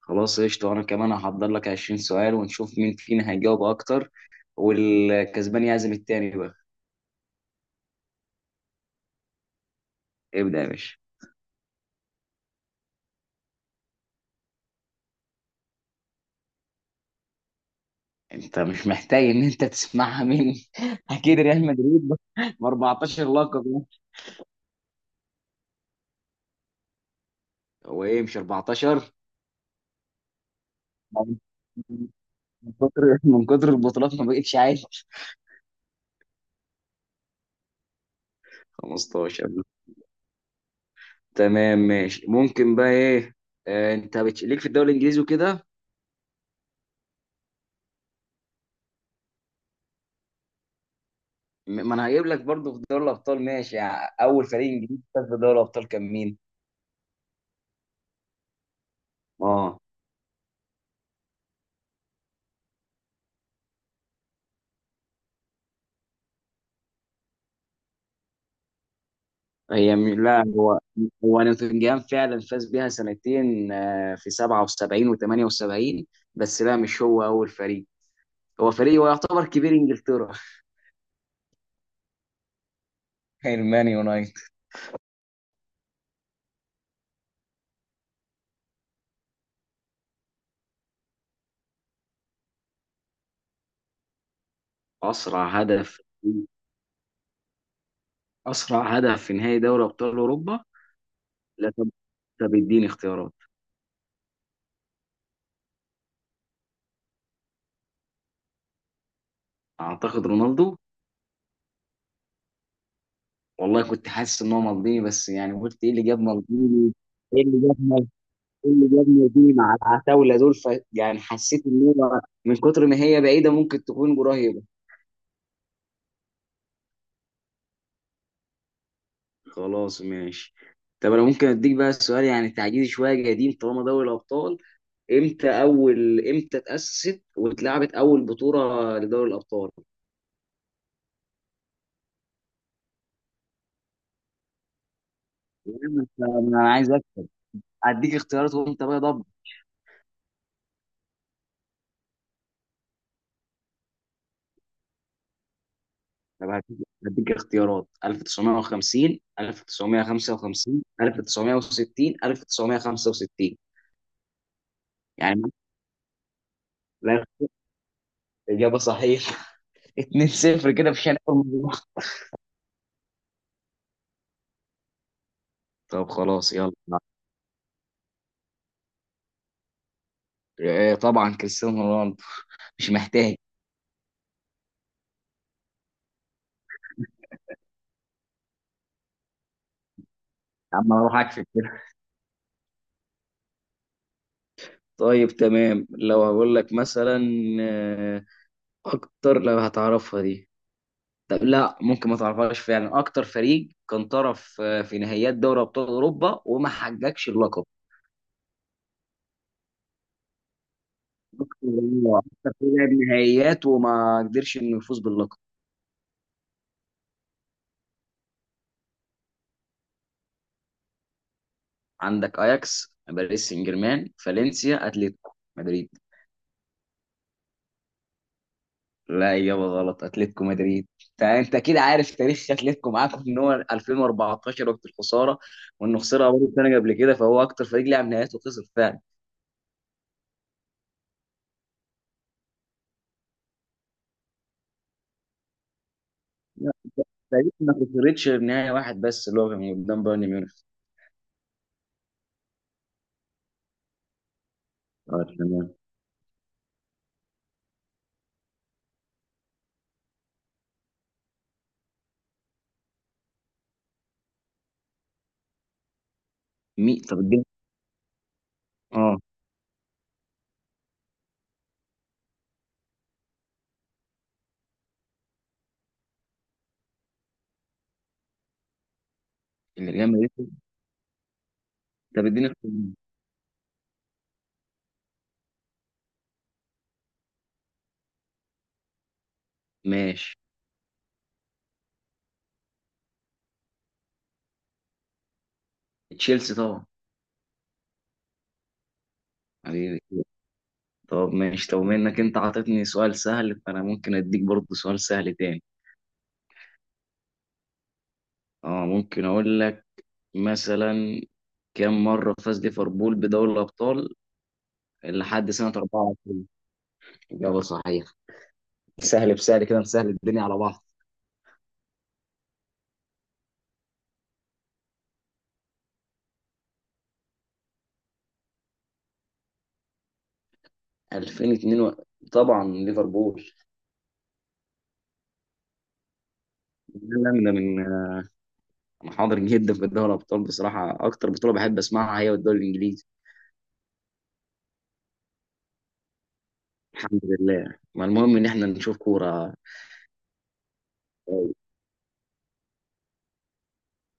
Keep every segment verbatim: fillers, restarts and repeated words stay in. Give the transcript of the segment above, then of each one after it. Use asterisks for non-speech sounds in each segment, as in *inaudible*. خلاص، قشطة. وأنا كمان هحضر لك عشرين سؤال ونشوف مين فينا هيجاوب أكتر، والكسبان يعزم التاني بقى. ابدأ يا باشا. أنت مش محتاج إن أنت تسمعها مني *laughs* أكيد ريال مدريد ب أربعتاشر لقب يعني. هو إيه، مش أربعة عشر؟ من كتر من كتر البطولات ما بقتش عايش. خمستاشر. تمام، ماشي. ممكن بقى إيه؟ آه، أنت بتش... ليك في الدوري الإنجليزي وكده. م- ما أنا هجيب لك برضه في دوري الأبطال. ماشي، يعني أول فريق إنجليزي فاز بدوري الأبطال كان مين؟ اه. هي م- لا هو هو نوتنجهام فعلا فاز بيها سنتين، آه، في سبعة وسبعين و78. بس لا، مش هو اول فريق. هو فريق، هو يعتبر كبير انجلترا. *laughs* المان يونايتد. اسرع هدف اسرع هدف في نهائي دوري ابطال اوروبا. لا، طب. طب اديني اختيارات. اعتقد رونالدو. والله كنت حاسس ان هو مالديني، بس يعني قلت ايه اللي جاب مالديني؟ ايه اللي جاب مال- ايه اللي جاب مالديني مع العتاوله دول؟ ف يعني حسيت ان هو من كتر ما هي بعيده ممكن تكون قريبه. خلاص ماشي. طب انا ممكن اديك بقى السؤال، يعني تعجيزي شويه قديم طالما دوري الابطال. امتى اول امتى اتاسست واتلعبت اول بطوله لدوري الابطال؟ يعني أنت- انا عايز اديك اختيارات وانت بقى ضب. طب هديك، هديك اختيارات: ألف وتسعمية وخمسين، ألف وتسعمية وخمسة وخمسين، ألف وتسعمية وستين، ألف وتسعمية وخمسة وستين. يعني لا، اجابه صحيحه. *laughs* اتنين صفر كده في شنو. طب خلاص يلا. آه، طبعا كريستيانو رونالدو. مش محتاج. يا عم انا اروح اكشف كده. طيب، تمام. لو هقول لك مثلا آه، اكتر، لو هتعرفها دي. طب لا، ممكن ما تعرفهاش فعلا: اكتر فريق كان طرف آه، في نهائيات دوري ابطال اوروبا وما حققش اللقب. الله. اكتر فريق لعب نهائيات وما قدرش انه يفوز باللقب. عندك اياكس، باريس سان جيرمان، فالنسيا، اتلتيكو مدريد. لا، إجابة غلط. أتلتيكو مدريد. أنت أنت أكيد عارف تاريخ أتلتيكو معاكم، إن هو ألفين وأربعتاشر وقت الخسارة، وإنه خسرها برضه سنة قبل كده، فهو أكتر فريق لعب نهائيات وخسر فعلا. لا، تقريبا ما خسرتش غير نهاية واحد بس اللي هو كان قدام بايرن ميونخ. اه، تمام. مين؟ طب اديني. اه، اللي ريال مدريد. طب اديني اختيارات. ماشي، تشيلسي طبعا. حبيبي. طب ماشي. طب بما انك انت عطيتني سؤال سهل، فانا ممكن اديك برضه سؤال سهل تاني. اه، ممكن اقول لك مثلا: كام مرة فاز ليفربول بدوري الأبطال لحد سنة أربعة وعشرين؟ إجابة صحيحة. سهل بسهل كده نسهل الدنيا على بعض. ألفين واتنين و... طبعا ليفربول. لا لا، أنا من أنا حاضر جدا في دوري الأبطال. بصراحة أكتر بطولة بحب أسمعها هي الدوري الإنجليزي. الحمد لله. ما المهم إن إحنا نشوف كورة.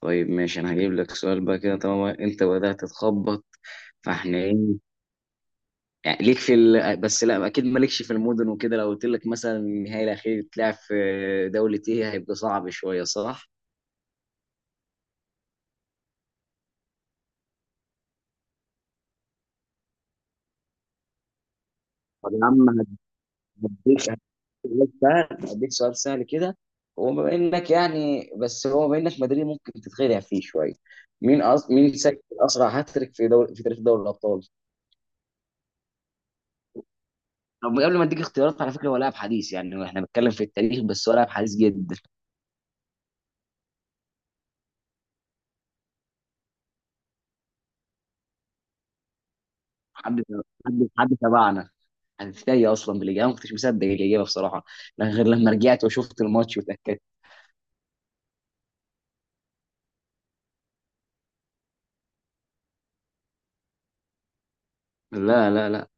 طيب ماشي. أنا هجيب لك سؤال بقى كده طالما أنت بدأت تخبط، فإحنا إيه يعني ليك في ال... بس لا، اكيد مالكش في المدن وكده. لو قلت لك مثلا النهائي الاخير اتلعب في دولة ايه، هيبقى صعب شوية، صح؟ طب يا عم، هديك هديك سؤال هديك سؤال سهل كده. هو بما انك يعني بس هو بما انك مدريد ممكن تتخدع فيه شويه. مين أص... مين سجل اسرع هاتريك في دول... في تاريخ دوري الابطال؟ طب قبل ما اديك اختيارات، على فكره هو لاعب حديث، يعني احنا بنتكلم في التاريخ بس هو لاعب حديث جدا. حد حد حد تبعنا. انا في تايه اصلا بالاجابه، ما كنتش مصدق الاجابه بصراحه، لا غير لما رجعت وشفت الماتش وتاكدت. لا لا لا.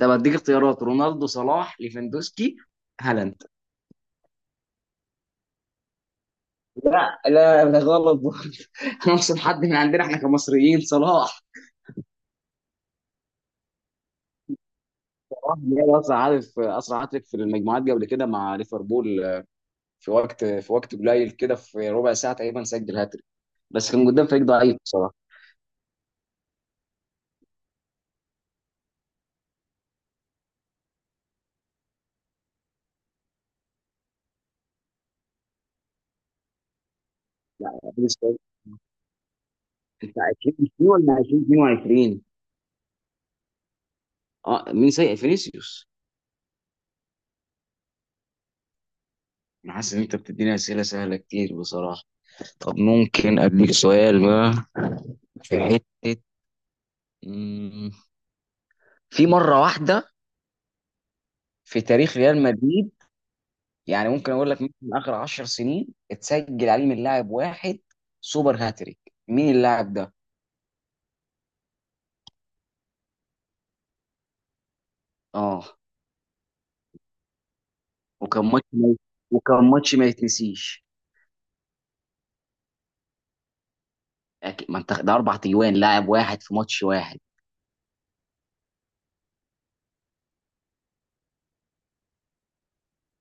طب اديك اختيارات: رونالدو، صلاح، ليفاندوسكي، هالاند. لا لا، ده غلط برضه. *laughs* انا اقصد حد من عندنا احنا كمصريين. صلاح. صلاح جاب اسرع هدف. اسرع هدف في المجموعات قبل كده مع ليفربول، في وقت في وقت قليل كده، في ربع ساعه تقريبا سجل هاتريك. بس كان قدام فريق ضعيف بصراحه. لا لا، فينيسيوس. انت عشرين ولا ألفين واتنين وعشرين؟ اه، مين سيء؟ فينيسيوس. انا حاسس ان انت بتديني اسئله سهله كتير بصراحه. طب ممكن اديك سؤال بقى في حته، مم، في مره واحده في تاريخ ريال مدريد، يعني ممكن اقول لك، ممكن اخر 10 سنين اتسجل عليه من لاعب واحد سوبر هاتريك. مين اللاعب ده؟ اه. وكان ماتش ما وكان ماتش ما يتنسيش. أكيد، ما انت ده اربع تجوان لاعب واحد في ماتش واحد.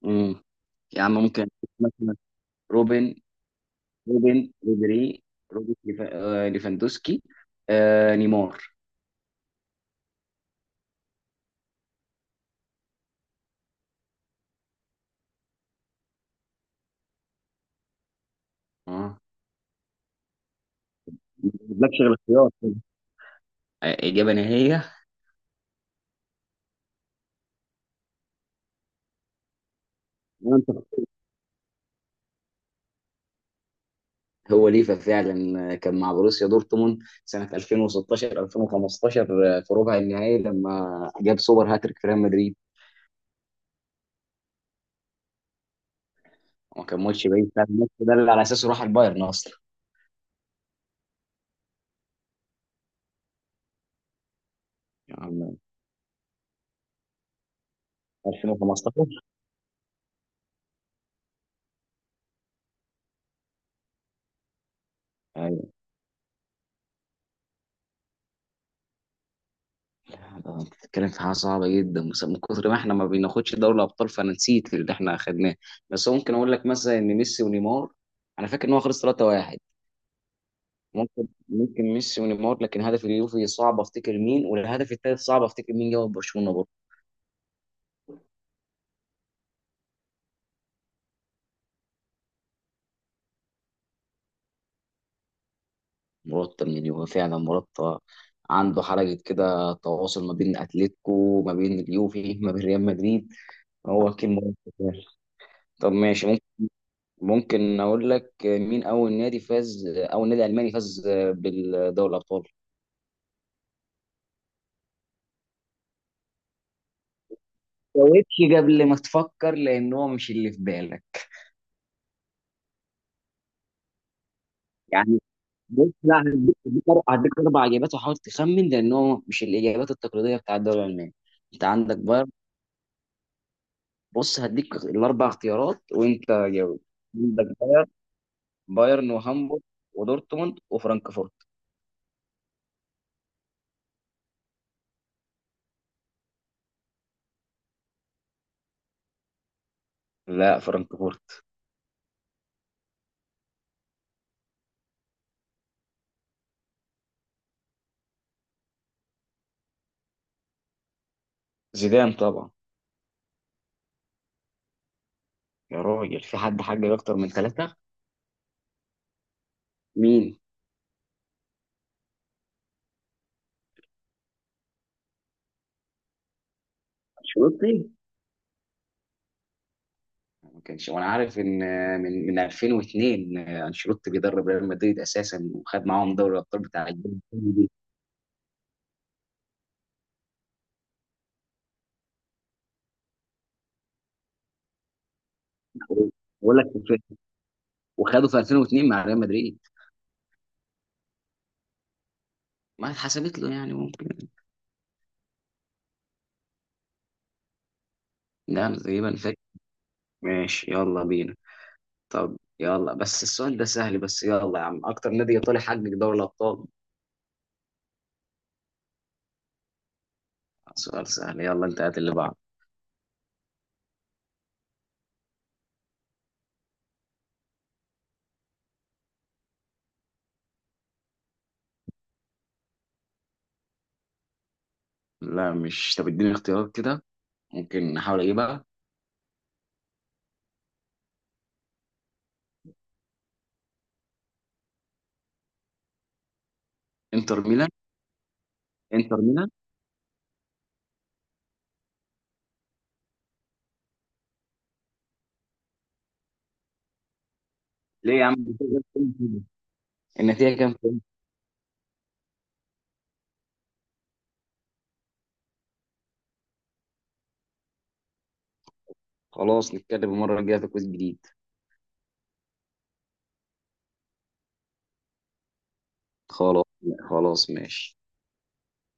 امم يا عم، ممكن مثلا روبن روبن ريبيري، روبرت ليف- آه، ليفاندوسكي، آه، نيمار. اه، ما جابلكش غير اختيار. آه، إجابة نهائية. وأنت. هو ليفا فعلا، آه، كان مع بروسيا دورتموند سنة ألفين وستاشر ألفين وخمستاشر، آه، في ربع النهائي لما جاب سوبر هاتريك في ريال مدريد. وما كان ماتش بعيد فعلا الماتش ده اللي على أساسه راح البايرن أصلا. يعني ألفين وخمستاشر. آه، انت بتتكلم في حاجه صعبه جدا، بس من كتر ما احنا ما بناخدش دوري الابطال فانا نسيت اللي احنا اخدناه. بس ممكن اقول لك مثلا ان ميسي ونيمار، انا فاكر ان هو خلص ثلاثة واحد. ممكن ممكن ميسي ونيمار، لكن هدف اليوفي صعب افتكر مين، والهدف الثالث صعب افتكر مين جاب برشلونه برضه. مرتب من اليوفي، فعلا مرتب. عنده حركه كده، تواصل ما بين اتلتيكو، ما بين اليوفي، ما بين ريال مدريد. هو كلمه. طب ماشي. ممكن اقول لك، مين اول نادي فاز اول نادي الماني فاز بالدوري الابطال. جاوبش قبل ما تفكر لان هو مش اللي في بالك. يعني بص، لا هديك، هديك أر- هديك اربع اجابات، وحاول تخمن لان هو مش الاجابات التقليديه بتاع الدوري الالماني. انت عندك بايرن. بص هديك الاربع اختيارات وانت جاوب. عندك بايرن بايرن وهامبورغ ودورتموند وفرانكفورت. لا، فرانكفورت. زيدان طبعا. يا راجل، في حد حاجه اكتر من ثلاثه؟ مين؟ انشيلوتي. ما كانش، وانا عارف ان من من ألفين واثنين انشيلوتي بيدرب ريال مدريد اساسا وخد معاهم دوري الابطال بتاع الجيل الثاني دي. بقول لك في- وخده في ألفين واثنين مع ريال مدريد. ما اتحسبت له يعني ممكن. ده أنا تقريبا فاكر. ماشي، يلا بينا. طب يلا، بس السؤال ده سهل بس، يلا يا عم: اكتر نادي ايطالي حقق دوري الابطال؟ سؤال سهل، يلا انت هات اللي بعده. لا مش، طب اديني اختيارات كده، ممكن نحاول اجيبها. انتر ميلان. انتر ميلان. ليه يا عم؟ النتيجه كام؟ خلاص نتكلم المرة الجاية في كويس جديد. خلاص، خلاص ماشي.